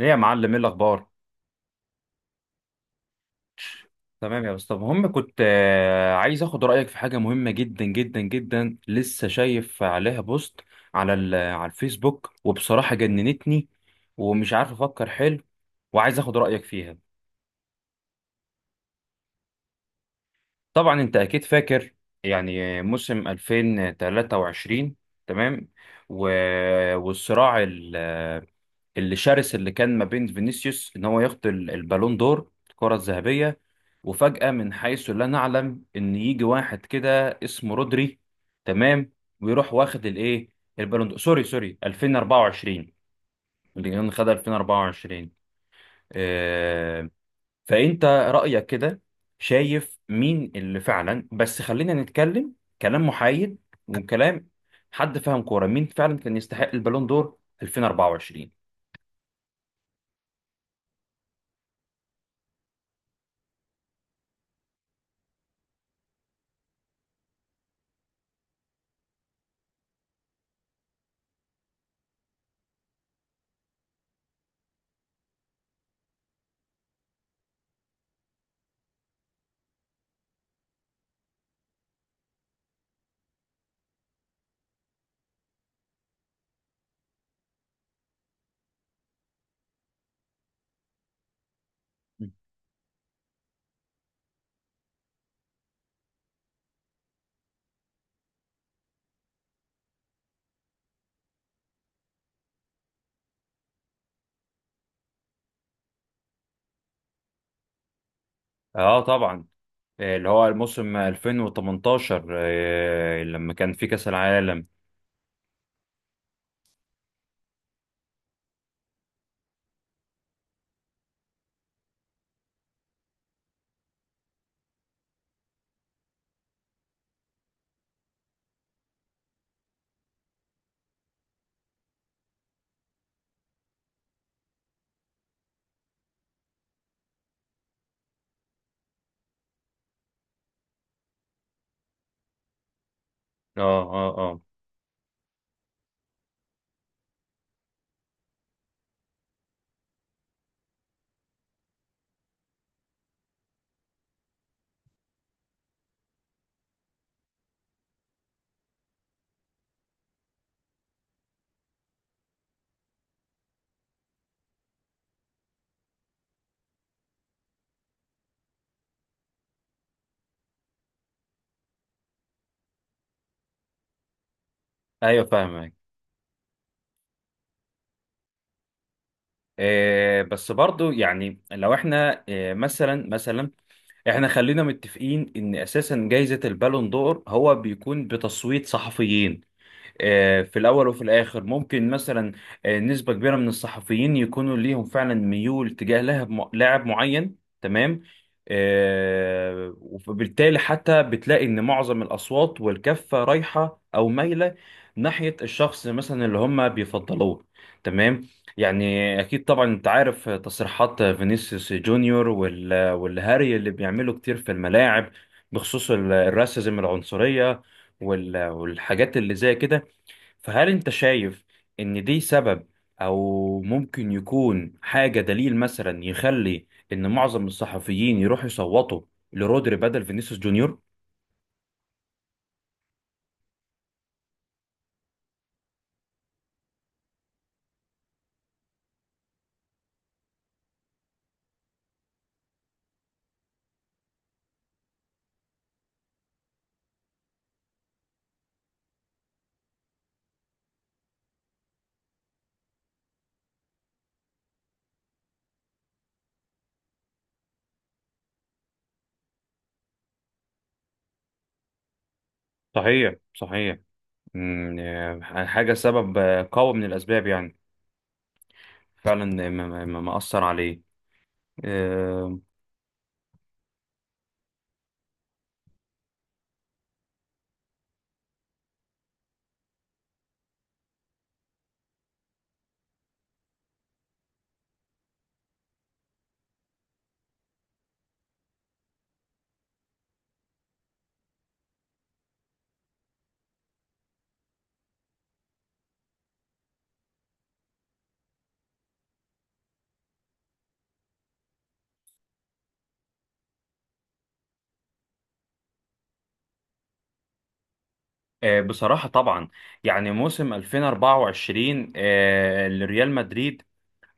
ايه يا معلم؟ ايه الاخبار؟ تمام يا اسطى. المهم كنت عايز اخد رايك في حاجه مهمه جدا جدا جدا، لسه شايف عليها بوست على الفيسبوك وبصراحه جننتني، ومش عارف افكر حلو، وعايز اخد رايك فيها. طبعا انت اكيد فاكر، يعني موسم 2023، تمام، و... والصراع اللي شرس اللي كان ما بين فينيسيوس ان هو ياخد البالون دور الكره الذهبيه. وفجأة من حيث لا نعلم ان يجي واحد كده اسمه رودري، تمام، ويروح واخد الايه، البالون دور، سوري سوري، 2024، اللي خد 2024. آه، فانت رأيك كده، شايف مين اللي فعلا، بس خلينا نتكلم كلام محايد، وكلام حد فاهم كورة، مين فعلا كان يستحق البالون دور 2024؟ اه طبعا. اللي هو الموسم 2018، لما كان في كأس العالم. اه، اه، اه، ايوه، فاهمك. إيه، بس برضو يعني لو احنا إيه، مثلا احنا خلينا متفقين ان اساسا جائزة البالون دور هو بيكون بتصويت صحفيين. في الأول وفي الآخر ممكن مثلا نسبة كبيرة من الصحفيين يكونوا ليهم فعلا ميول تجاه لاعب معين، تمام. وبالتالي حتى بتلاقي إن معظم الأصوات والكفة رايحة أو مايلة ناحية الشخص مثلا اللي هم بيفضلوه، تمام. يعني أكيد طبعا أنت عارف تصريحات فينيسيوس جونيور والهاري اللي بيعملوا كتير في الملاعب، بخصوص الراسيزم، العنصرية، والحاجات اللي زي كده. فهل انت شايف ان دي سبب او ممكن يكون حاجة دليل مثلا يخلي ان معظم الصحفيين يروحوا يصوتوا لرودري بدل فينيسيوس جونيور؟ صحيح، صحيح. أمم، آه، حاجة، سبب قوي من الأسباب، يعني فعلا مأثر عليه. آه، بصراحة طبعا، يعني موسم 2024 لريال مدريد،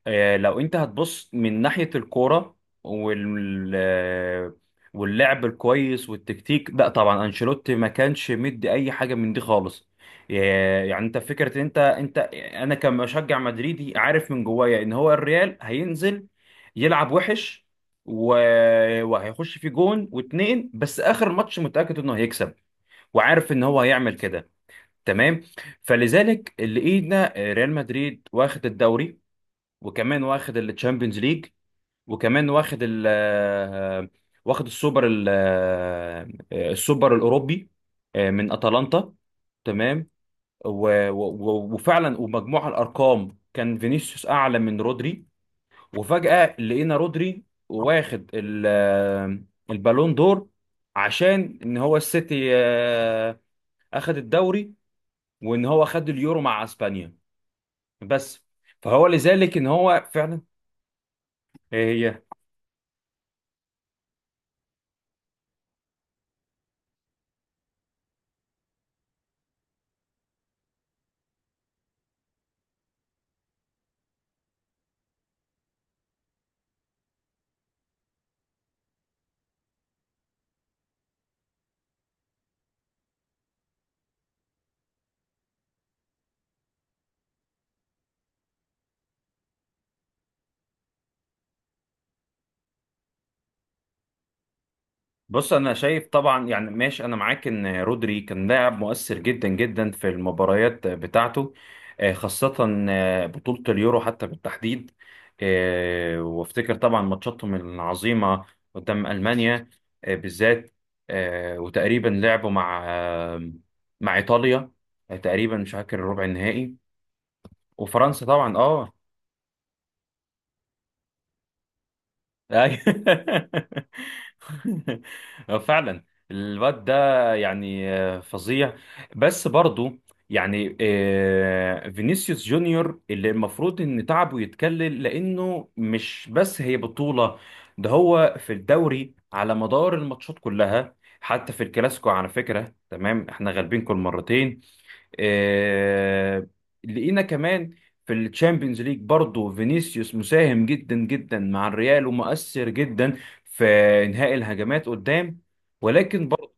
لو انت هتبص من ناحية الكورة وال آه، واللعب الكويس والتكتيك، لا طبعا انشيلوتي ما كانش مدي اي حاجة من دي خالص. يعني انت فكرة انت انا كمشجع مدريدي، عارف من جوايا ان هو الريال هينزل يلعب وحش، و... وهيخش في جون واتنين بس اخر ماتش متأكد انه هيكسب، وعارف ان هو هيعمل كده، تمام. فلذلك لقينا ريال مدريد واخد الدوري، وكمان واخد التشامبيونز ليج، وكمان واخد السوبر السوبر الاوروبي من اتلانتا، تمام. و- و- وفعلا ومجموع الارقام كان فينيسيوس اعلى من رودري. وفجأة لقينا رودري واخد البالون دور عشان ان هو السيتي اخد الدوري، وان هو خد اليورو مع اسبانيا، بس. فهو لذلك ان هو فعلا. آه، بص، انا شايف طبعا، يعني ماشي، انا معاك ان رودري كان لاعب مؤثر جدا جدا في المباريات بتاعته. خاصة بطولة اليورو حتى بالتحديد، وافتكر طبعا ماتشاتهم العظيمة قدام ألمانيا، بالذات، وتقريبا لعبوا مع إيطاليا، تقريبا مش فاكر الربع النهائي. وفرنسا طبعا، اه. أيوة. هو فعلا الواد ده يعني فظيع. بس برضو يعني فينيسيوس جونيور اللي المفروض ان تعبه يتكلل، لانه مش بس هي بطولة، ده هو في الدوري على مدار الماتشات كلها، حتى في الكلاسيكو على فكرة، تمام احنا غالبين كل مرتين. آه، لقينا كمان في الشامبيونز ليج برضه فينيسيوس مساهم جدا جدا مع الريال، ومؤثر جدا في انهاء الهجمات قدام. ولكن برضه.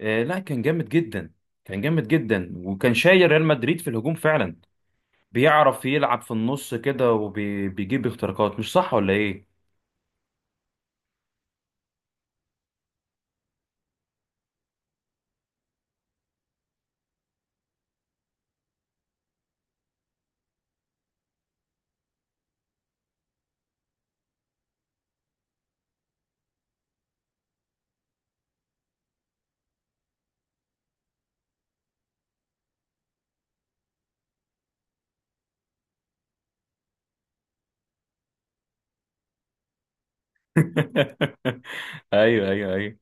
لا، كان جامد جدا، كان جامد جدا، وكان شايل ريال مدريد في الهجوم فعلا. بيعرف يلعب في النص كده وبيجيب اختراقات، مش صح ولا ايه؟ ايوه، ايوه، ايوه،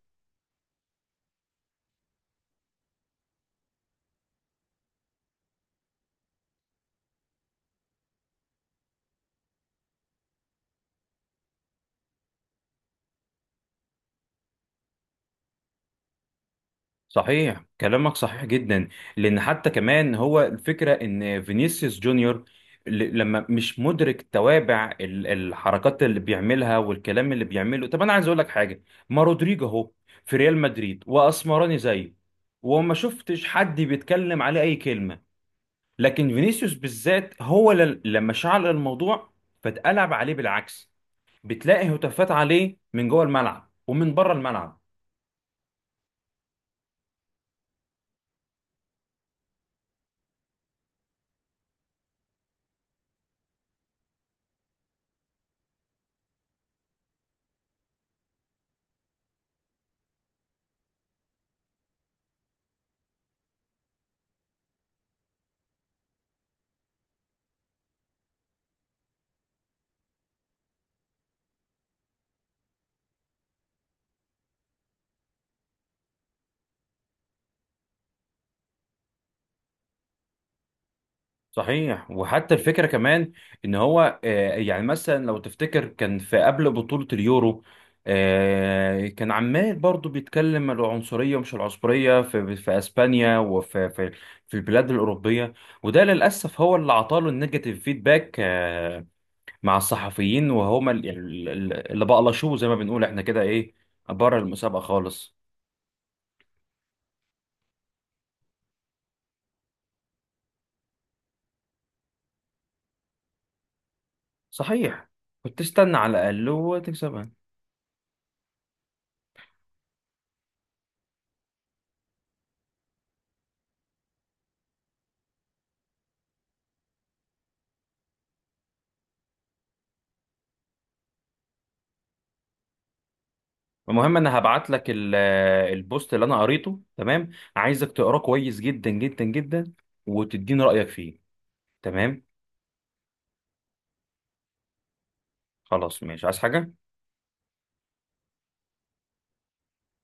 صحيح، كلامك صحيح جدا. لان حتى كمان هو الفكره ان فينيسيوس جونيور، لما مش مدرك توابع الحركات اللي بيعملها والكلام اللي بيعمله. طب انا عايز اقول لك حاجه، ما رودريجو اهو في ريال مدريد واسمراني زيه، وما شفتش حد بيتكلم عليه اي كلمه. لكن فينيسيوس بالذات هو لما شعل الموضوع، فاتقلب عليه بالعكس. بتلاقي هتافات عليه من جوه الملعب ومن بره الملعب. صحيح، وحتى الفكرة كمان ان هو يعني مثلا لو تفتكر كان في قبل بطولة اليورو، كان عمال برضو بيتكلم العنصرية ومش العنصرية في اسبانيا، وفي في, في البلاد الأوروبية. وده للأسف هو اللي عطاله النيجاتيف فيدباك، مع الصحفيين، وهما اللي بقلشوه زي ما بنقول احنا كده، ايه، بره المسابقة خالص. صحيح. كنت تستنى على الأقل وتكسبها. المهم انا هبعت لك البوست اللي انا قريته، تمام، عايزك تقراه كويس جدا جدا جدا وتديني رأيك فيه، تمام. خلاص، ماشي، عايز حاجة؟